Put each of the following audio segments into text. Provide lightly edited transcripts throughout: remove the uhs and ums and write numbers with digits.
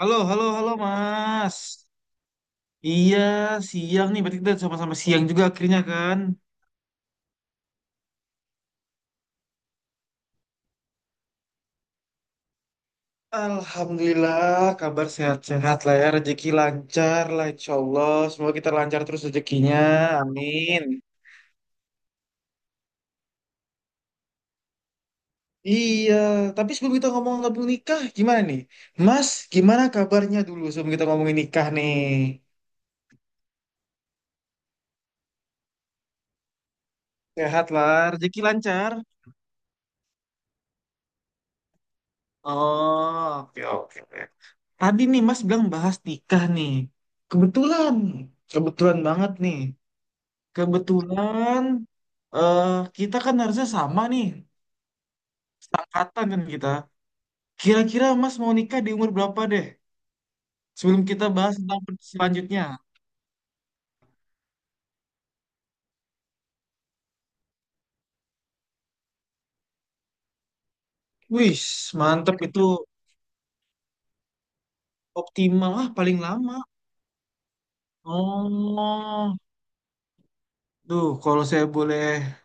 Halo, halo, halo, Mas. Iya, siang nih. Berarti kita sama-sama siang juga akhirnya kan? Alhamdulillah, kabar sehat-sehat lah ya. Rezeki lancar lah, insya Allah. Semoga kita lancar terus rezekinya. Amin. Iya, tapi sebelum kita ngomong ngomong nikah, gimana nih? Mas, gimana kabarnya dulu sebelum kita ngomongin nikah nih? Sehat lah, rezeki lancar. Oh, oke, oke, oke. Tadi nih Mas bilang bahas nikah nih. Kebetulan, kebetulan banget nih. Kebetulan eh kita kan harusnya sama nih, seangkatan kan kita. Kira-kira Mas mau nikah di umur berapa deh? Sebelum kita bahas tentang selanjutnya. Wih, mantep itu optimal lah paling lama. Oh. Duh, kalau saya boleh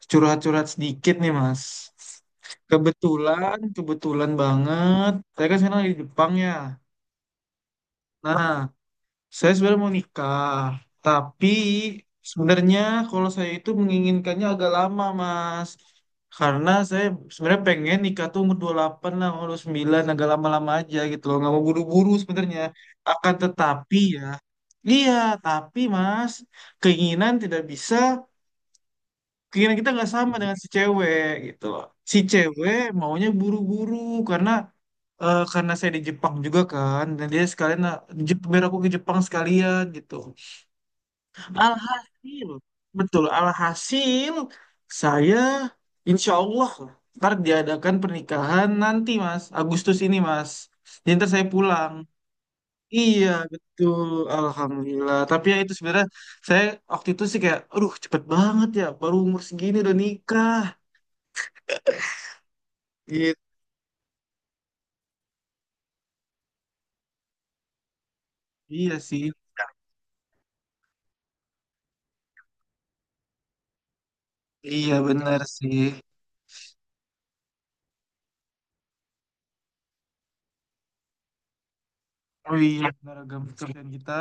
curhat-curhat sedikit nih, Mas. Kebetulan, kebetulan banget. Saya kan sekarang lagi di Jepang ya. Nah, saya sebenarnya mau nikah. Tapi sebenarnya kalau saya itu menginginkannya agak lama, Mas. Karena saya sebenarnya pengen nikah tuh umur 28 lah, umur 29 agak lama-lama aja gitu loh. Nggak mau buru-buru sebenarnya. Akan tetapi ya, iya, tapi Mas, keinginan tidak bisa keinginan kita nggak sama dengan si cewek gitu loh. Si cewek maunya buru-buru karena karena saya di Jepang juga kan dan dia sekalian, "Nah, biar aku ke Jepang sekalian gitu." Alhasil, betul, alhasil saya insya Allah ntar diadakan pernikahan nanti Mas Agustus ini Mas. Jadi ntar saya pulang. Iya betul, alhamdulillah. Tapi ya itu sebenarnya saya waktu itu sih kayak, aduh cepet banget ya, baru umur segini udah nikah. Iya iya sih. Iya benar sih. Oh iya benar agama pekerjaan kita.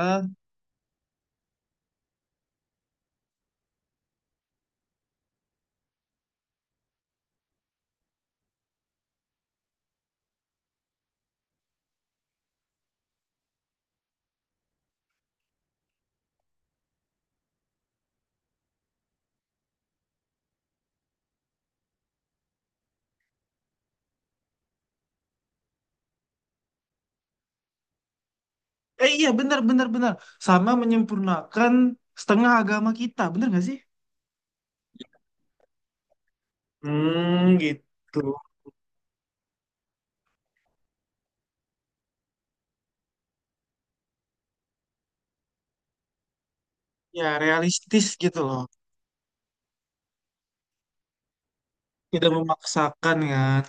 Eh iya benar benar benar. Sama menyempurnakan setengah agama kita. Benar nggak sih? Hmm, gitu. Ya realistis gitu loh. Tidak memaksakan kan.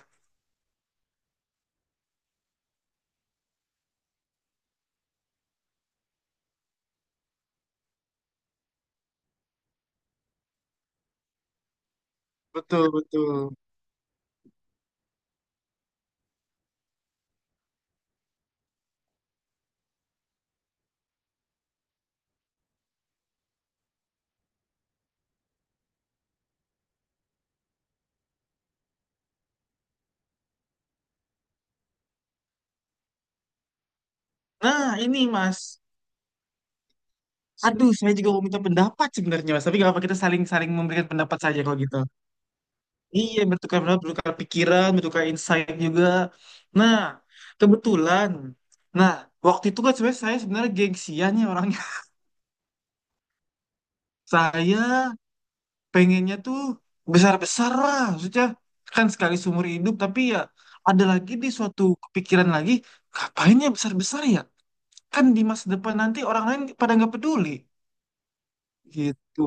Betul betul. Nah ini Mas. Aduh saya juga mau minta pendapat sebenarnya Mas. Tapi nggak apa kita saling saling memberikan pendapat saja kalau gitu. Iya, bertukar pendapat, bertukar pikiran, bertukar insight juga. Nah, kebetulan. Nah, waktu itu kan sebenarnya saya sebenarnya gengsian ya orangnya. Saya pengennya tuh besar-besar lah. Maksudnya kan sekali seumur hidup, tapi ya ada lagi di suatu kepikiran lagi, ngapain ya besar-besar ya? Kan di masa depan nanti orang lain pada nggak peduli. Gitu.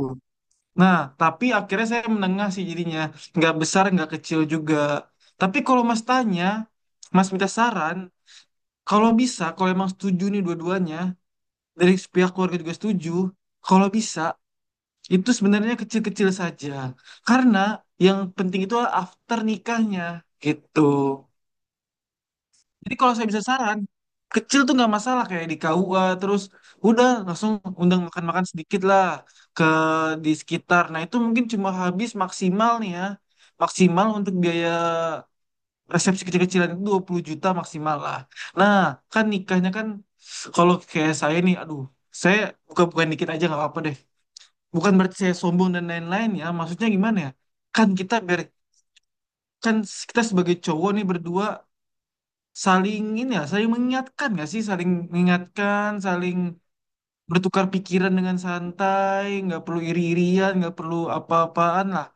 Nah, tapi akhirnya saya menengah sih jadinya. Nggak besar, nggak kecil juga. Tapi kalau Mas tanya, Mas minta saran, kalau bisa, kalau emang setuju nih dua-duanya, dari pihak keluarga juga setuju, kalau bisa, itu sebenarnya kecil-kecil saja. Karena yang penting itu adalah after nikahnya, gitu. Jadi kalau saya bisa saran, kecil tuh nggak masalah kayak di KUA terus udah langsung undang makan-makan sedikit lah ke di sekitar. Nah itu mungkin cuma habis maksimal nih ya, maksimal untuk biaya resepsi kecil-kecilan itu 20 juta maksimal lah. Nah kan nikahnya kan kalau kayak saya nih, aduh saya buka-bukaan dikit aja nggak apa-apa deh. Bukan berarti saya sombong dan lain-lain ya, maksudnya gimana ya? Kan kita ber kan kita sebagai cowok nih berdua saling ini ya, saling mengingatkan nggak sih? Saling mengingatkan, saling bertukar pikiran dengan santai, nggak perlu iri-irian, nggak perlu apa-apaan lah.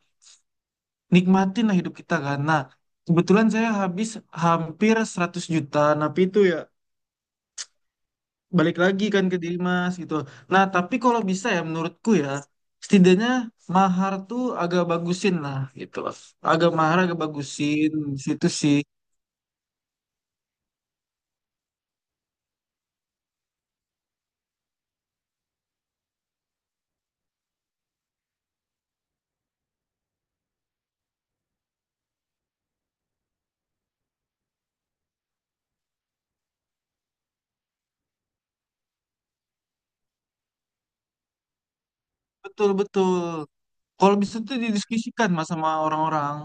Nikmatin lah hidup kita kan. Nah, kebetulan saya habis hampir 100 juta, tapi itu ya balik lagi kan ke diri mas gitu. Nah, tapi kalau bisa ya menurutku ya, setidaknya mahar tuh agak bagusin lah gitu loh. Agak mahar agak bagusin, situ sih. Betul-betul. Kalau bisa tuh didiskusikan mas sama orang-orang.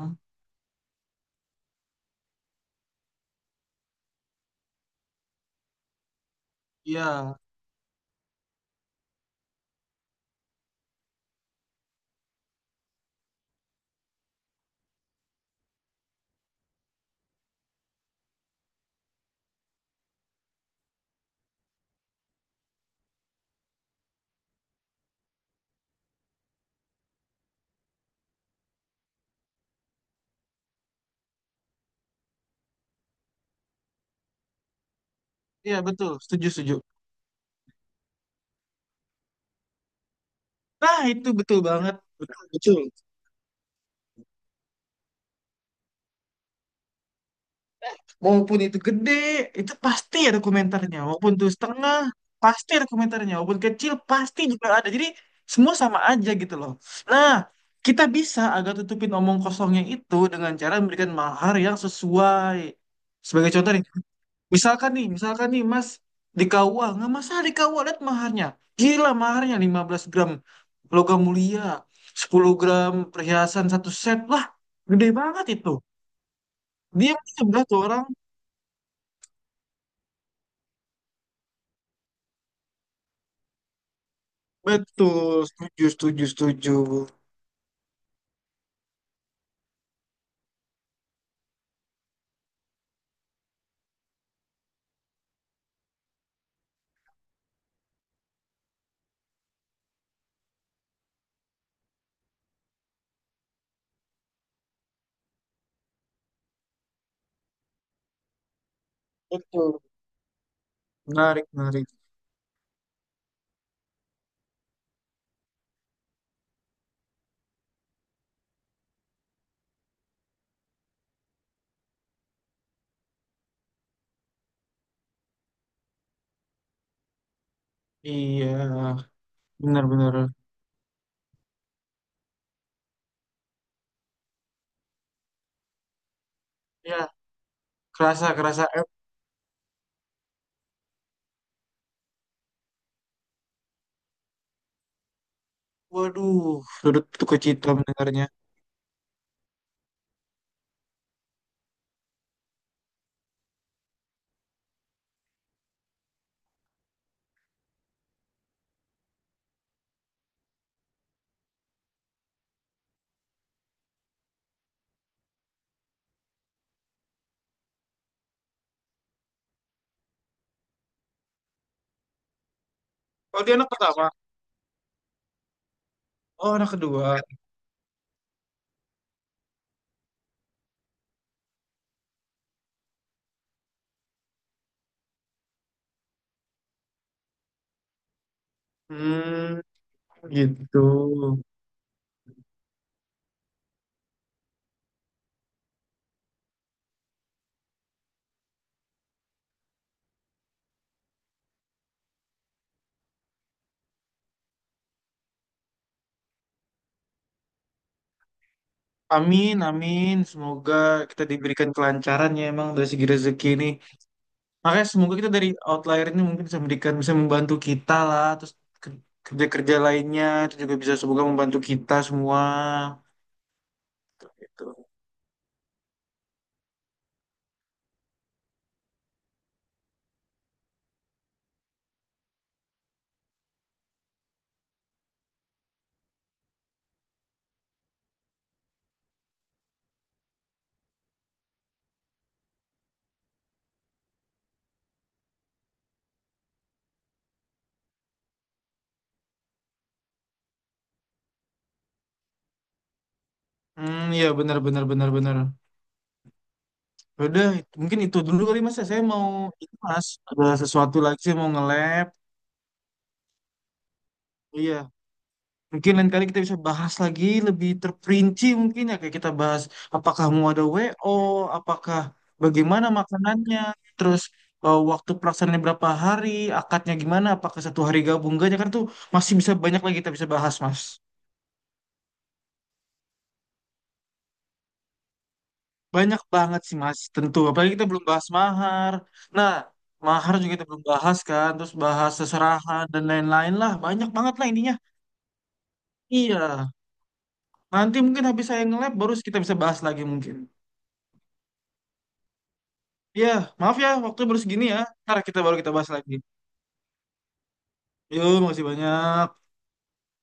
Iya, iya betul, setuju setuju. Nah itu betul banget, betul betul. Maupun itu gede, itu pasti ada komentarnya. Maupun itu setengah, pasti ada komentarnya. Maupun kecil, pasti juga ada. Jadi semua sama aja gitu loh. Nah kita bisa agak tutupin omong kosongnya itu dengan cara memberikan mahar yang sesuai. Sebagai contoh nih, misalkan nih, misalkan nih Mas di KUA, nggak masalah di KUA, lihat maharnya. Gila maharnya 15 gram logam mulia, 10 gram perhiasan satu set. Lah, gede banget itu. Dia sebelah tuh orang. Betul, setuju, setuju, setuju. Betul. Menarik, menarik. Iya, benar-benar. Ya, kerasa, kerasa. Eh, waduh, turut duka cita mendengarnya. Oh, dia anak pertama. Oh, anak kedua. Hmm, gitu. Amin, amin. Semoga kita diberikan kelancaran ya emang dari segi rezeki ini. Makanya semoga kita dari outlier ini mungkin bisa memberikan, bisa membantu kita lah. Terus ke- kerja-kerja lainnya itu juga bisa semoga membantu kita semua. Gitu. Hmm, ya benar, benar, benar, benar. Ya udah, mungkin itu dulu kali mas, ya. Saya mau, ini mas, ada sesuatu lagi saya mau nge-lab. Iya. Mungkin lain kali kita bisa bahas lagi lebih terperinci mungkin ya kayak kita bahas apakah mau ada WO, apakah bagaimana makanannya, terus waktu pelaksanaannya berapa hari, akadnya gimana, apakah satu hari gabung enggaknya kan tuh masih bisa banyak lagi kita bisa bahas Mas. Banyak banget sih Mas, tentu. Apalagi kita belum bahas mahar. Nah, mahar juga kita belum bahas kan, terus bahas seserahan dan lain-lain lah. Banyak banget lah ininya. Iya. Nanti mungkin habis saya nge baru kita bisa bahas lagi mungkin. Iya, maaf ya, waktu baru segini ya. Ntar kita baru kita bahas lagi. Yuk, makasih banyak.